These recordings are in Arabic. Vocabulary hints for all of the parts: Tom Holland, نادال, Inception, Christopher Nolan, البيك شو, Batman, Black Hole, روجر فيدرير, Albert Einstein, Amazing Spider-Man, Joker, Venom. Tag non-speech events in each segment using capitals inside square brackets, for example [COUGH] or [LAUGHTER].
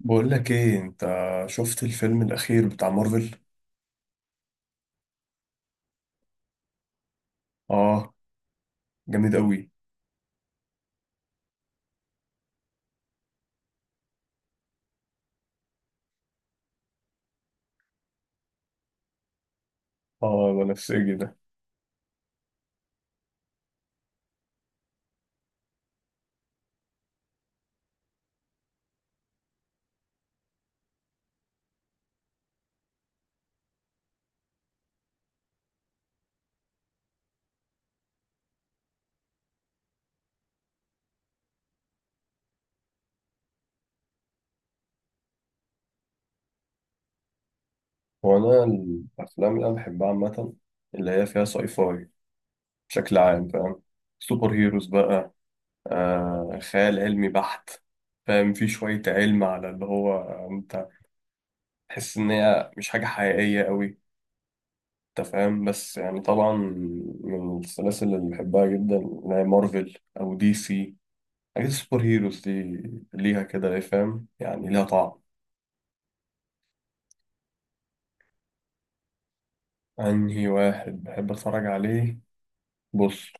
بقول لك ايه انت؟ شفت الفيلم الاخير بتاع مارفل. اه، جامد قوي. اه، بنفسجي ده. وانا الافلام اللي انا بحبها عامه اللي هي فيها ساي فاي بشكل عام، فاهم؟ سوبر هيروز بقى، خيال علمي بحت. فاهم، في شويه علم على اللي هو انت تحس ان هي مش حاجه حقيقيه قوي. انت فاهم، بس يعني طبعا من السلاسل اللي بحبها جدا اللي هي مارفل او دي سي. حاجات السوبر هيروز دي ليها كده ايه، فاهم؟ يعني ليها طعم. انهي واحد بحب اتفرج عليه؟ بص،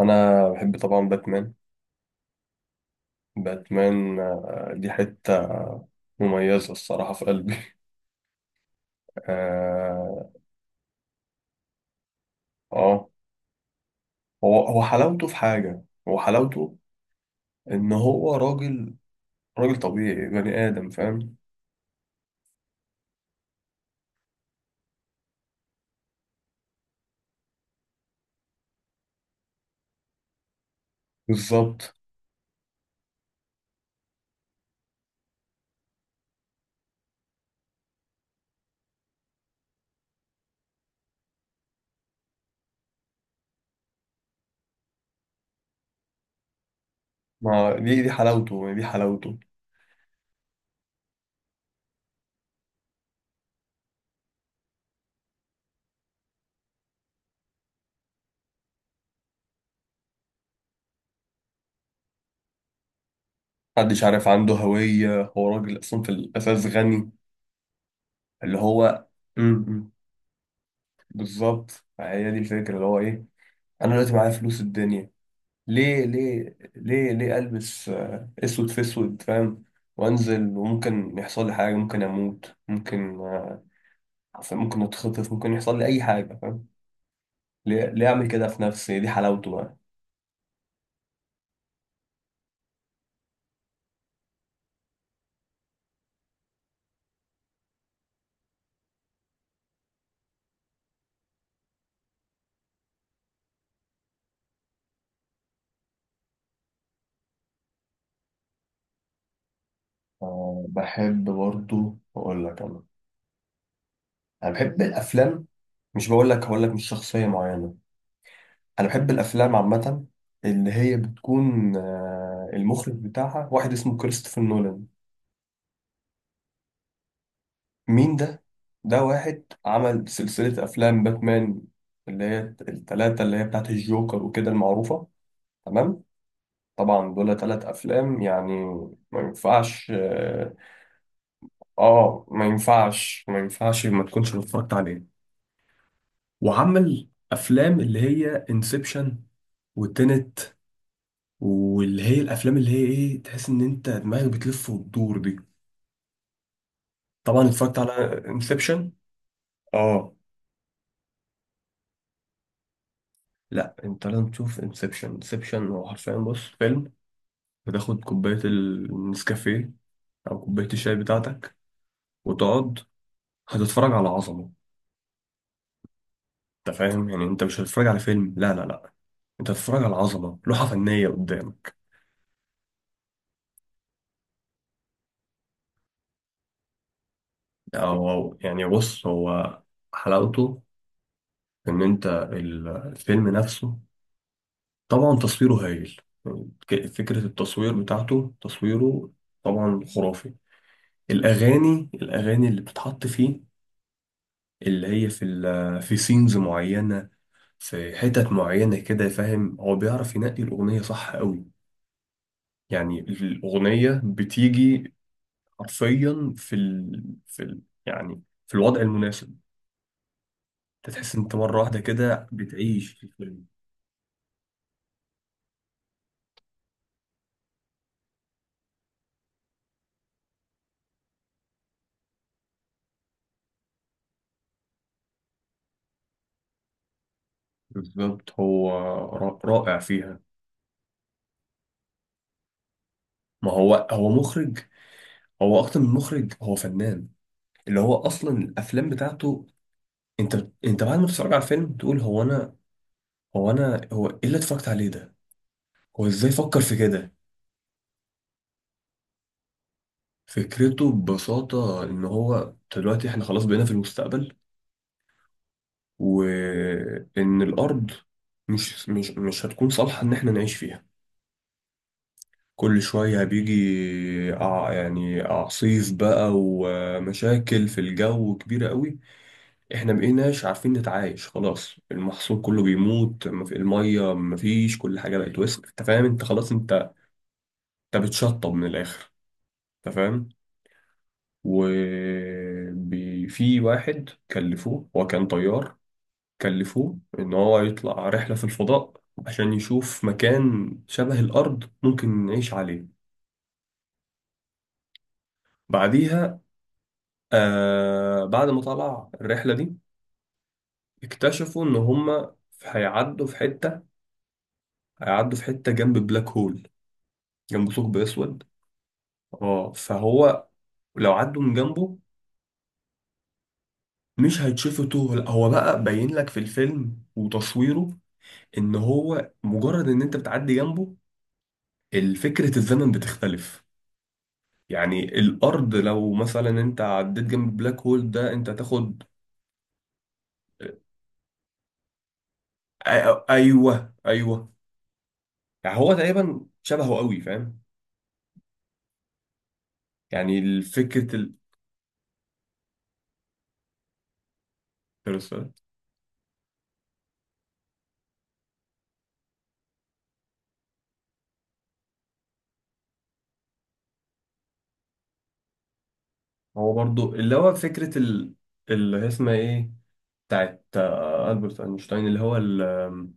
انا بحب طبعا باتمان. باتمان، دي حتة مميزة الصراحة في قلبي [LAUGHS] اه، آه. هو حلاوته في حاجة، هو حلاوته ان هو راجل، راجل طبيعي بني ادم، فاهم؟ بالظبط. ما دي حلاوته، دي حلاوته. محدش عارف عنده هوية، هو راجل اصلا في الاساس غني اللي هو. بالظبط، هي دي الفكرة اللي هو ايه. انا دلوقتي معايا فلوس الدنيا، ليه البس اسود في اسود، فاهم؟ وانزل وممكن يحصل لي حاجة، ممكن اموت، ممكن ممكن اتخطف، ممكن يحصل لي اي حاجة، فاهم؟ ليه اعمل كده في نفسي؟ دي حلاوته بقى. بحب برضو اقول لك. انا انا بحب الافلام، مش بقول لك هقول لك مش شخصية معينة، انا بحب الافلام عامة اللي هي بتكون المخرج بتاعها واحد اسمه كريستوفر نولان. مين ده؟ ده واحد عمل سلسلة أفلام باتمان اللي هي التلاتة اللي هي بتاعت الجوكر وكده المعروفة، تمام؟ طبعا دول تلات أفلام يعني، ما ينفعش آه. ما ينفعش، ما ينفعش ما تكونش اتفرجت عليه. وعمل أفلام اللي هي انسبشن وتنت، واللي هي الأفلام اللي هي إيه، تحس إن أنت دماغك بتلف وتدور دي. طبعا اتفرجت على انسبشن. آه، لا انت لازم تشوف انسبشن. انسبشن هو حرفيا، بص، فيلم بتاخد كوباية النسكافيه أو كوباية الشاي بتاعتك وتقعد، هتتفرج على عظمة. أنت فاهم يعني؟ أنت مش هتتفرج على فيلم، لا، أنت هتتفرج على عظمة، لوحة فنية قدامك. يعني بص، هو حلاوته إن أنت الفيلم نفسه، طبعا تصويره هايل. يعني فكرة التصوير بتاعته، تصويره طبعا خرافي. الأغاني، الأغاني اللي بتتحط فيه اللي هي في في سينز معينة، في حتت معينة كده، فاهم؟ هو بيعرف ينقي الأغنية صح قوي. يعني الأغنية بتيجي حرفيا في يعني في الوضع المناسب، انت تحس إن انت مرة واحدة كده بتعيش في الفيلم. بالظبط. هو رائع فيها. ما هو هو مخرج، هو أكتر من مخرج، هو فنان. اللي هو أصلا الأفلام بتاعته، انت بعد ما تتفرج على الفيلم تقول هو أنا، هو أنا، هو إيه اللي اتفرجت عليه ده، هو إزاي فكر في كده. فكرته ببساطة إن هو دلوقتي إحنا خلاص بقينا في المستقبل، وإن الأرض مش هتكون صالحة إن إحنا نعيش فيها. كل شوية بيجي يعني أعصيف بقى ومشاكل في الجو كبيرة قوي، إحنا مبقيناش عارفين نتعايش، خلاص المحصول كله بيموت، المية مفيش، كل حاجة بقت وسخ. أنت فاهم؟ أنت خلاص، أنت أنت بتشطب من الآخر، أنت فاهم؟ وفي واحد كلفوه، هو كان طيار، كلفوه إن هو يطلع رحلة في الفضاء عشان يشوف مكان شبه الأرض ممكن نعيش عليه. بعديها، آه، بعد ما طلع الرحلة دي اكتشفوا إن هما هيعدوا في حتة، هيعدوا في حتة جنب بلاك هول، جنب ثقب أسود. اه، فهو لو عدوا من جنبه مش هيتشفتوا، لا، هو بقى باين لك في الفيلم وتصويره إن هو مجرد إن أنت بتعدي جنبه الفكرة الزمن بتختلف. يعني الارض لو مثلا انت عديت جنب البلاك هول ده انت تاخد. ايوه ايوه، يعني هو تقريبا شبهه قوي، فاهم؟ يعني فكره الترسل هو برضو اللي هو فكره اللي هي اسمها ايه، بتاعت البرت اينشتاين اللي هو ال... آم،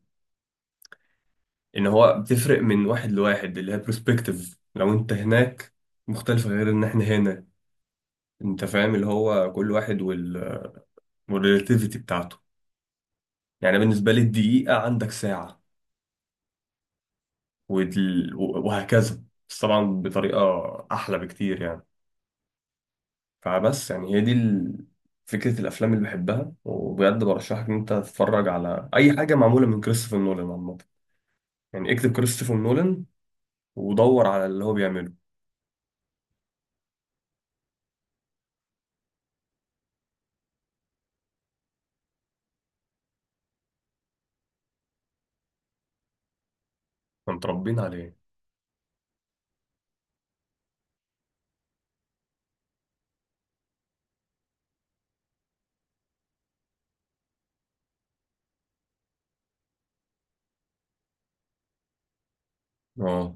ان هو بتفرق من واحد لواحد اللي هي برسبكتيف، لو انت هناك مختلفه غير ان احنا هنا. انت فاهم اللي هو كل واحد والريلاتيفيتي بتاعته. يعني بالنسبه لي الدقيقه عندك ساعه وهكذا، بس طبعا بطريقة أحلى بكتير يعني. فبس يعني هي دي فكرة الأفلام اللي بحبها، وبجد برشحك إن أنت تتفرج على أي حاجة معمولة من كريستوفر نولان عامة. يعني اكتب كريستوفر نولان ودور على اللي هو بيعمله. احنا متربيين عليه. اه،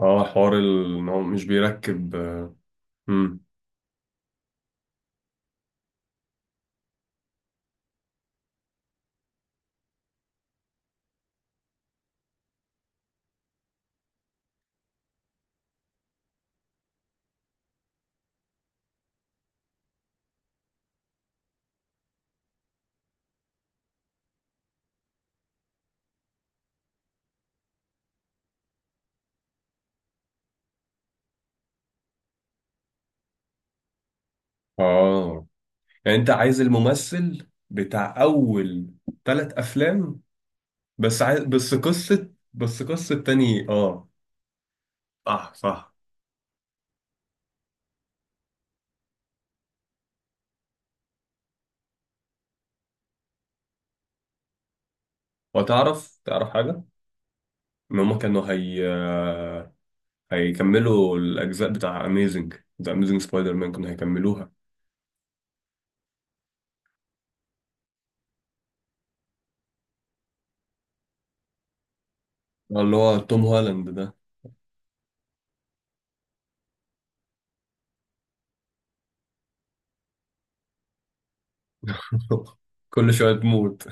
اه، حوار إن هو مش بيركب. امم، اه، يعني أنت عايز الممثل بتاع أول ثلاث أفلام بس، عايز بس قصة، بس قصة تاني، اه. صح صح. وتعرف، تعرف حاجة؟ إن هما كانوا هي هيكملوا الأجزاء بتاع أميزنج، ذا أميزنج سبايدر مان كانوا هيكملوها. اللي هو توم هولاند ده. [LAUGHS] كل شوية تموت.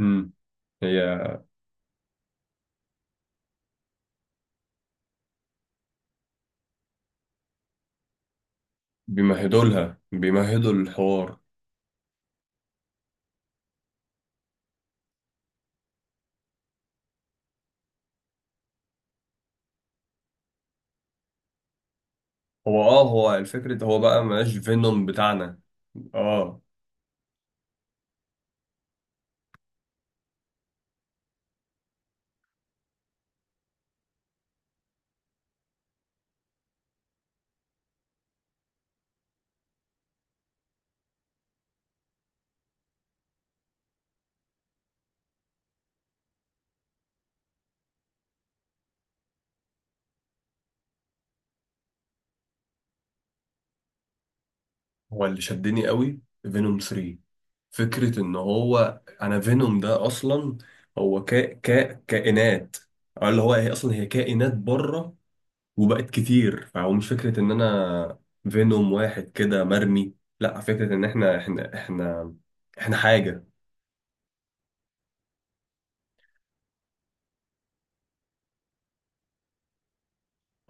[LAUGHS] أمم. هي بيمهدوا لها، بيمهدوا الحوار. هو اه، هو الفكرة هو بقى مبقاش فينوم بتاعنا. اه، هو اللي شدني قوي فينوم 3، فكرة ان هو انا فينوم ده اصلا هو كا كا كائنات، أو اللي هو هي اصلا هي كائنات بره وبقت كتير. فهو مش فكرة إن أنا فينوم واحد كده مرمي، لا، فكرة إن إحنا إحنا حاجة.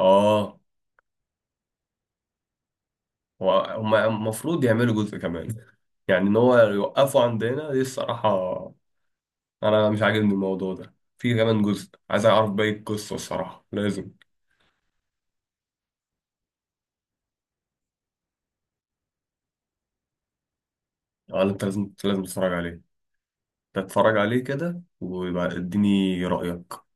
آه، هما المفروض يعملوا جزء كمان. يعني إن هو يوقفوا عندنا دي الصراحة؟ أنا مش عاجبني الموضوع ده، في كمان جزء، عايز أعرف باقي القصة الصراحة، لازم. أنا أنت لازم تتفرج عليه. تتفرج عليه كده ويبقى اديني رأيك.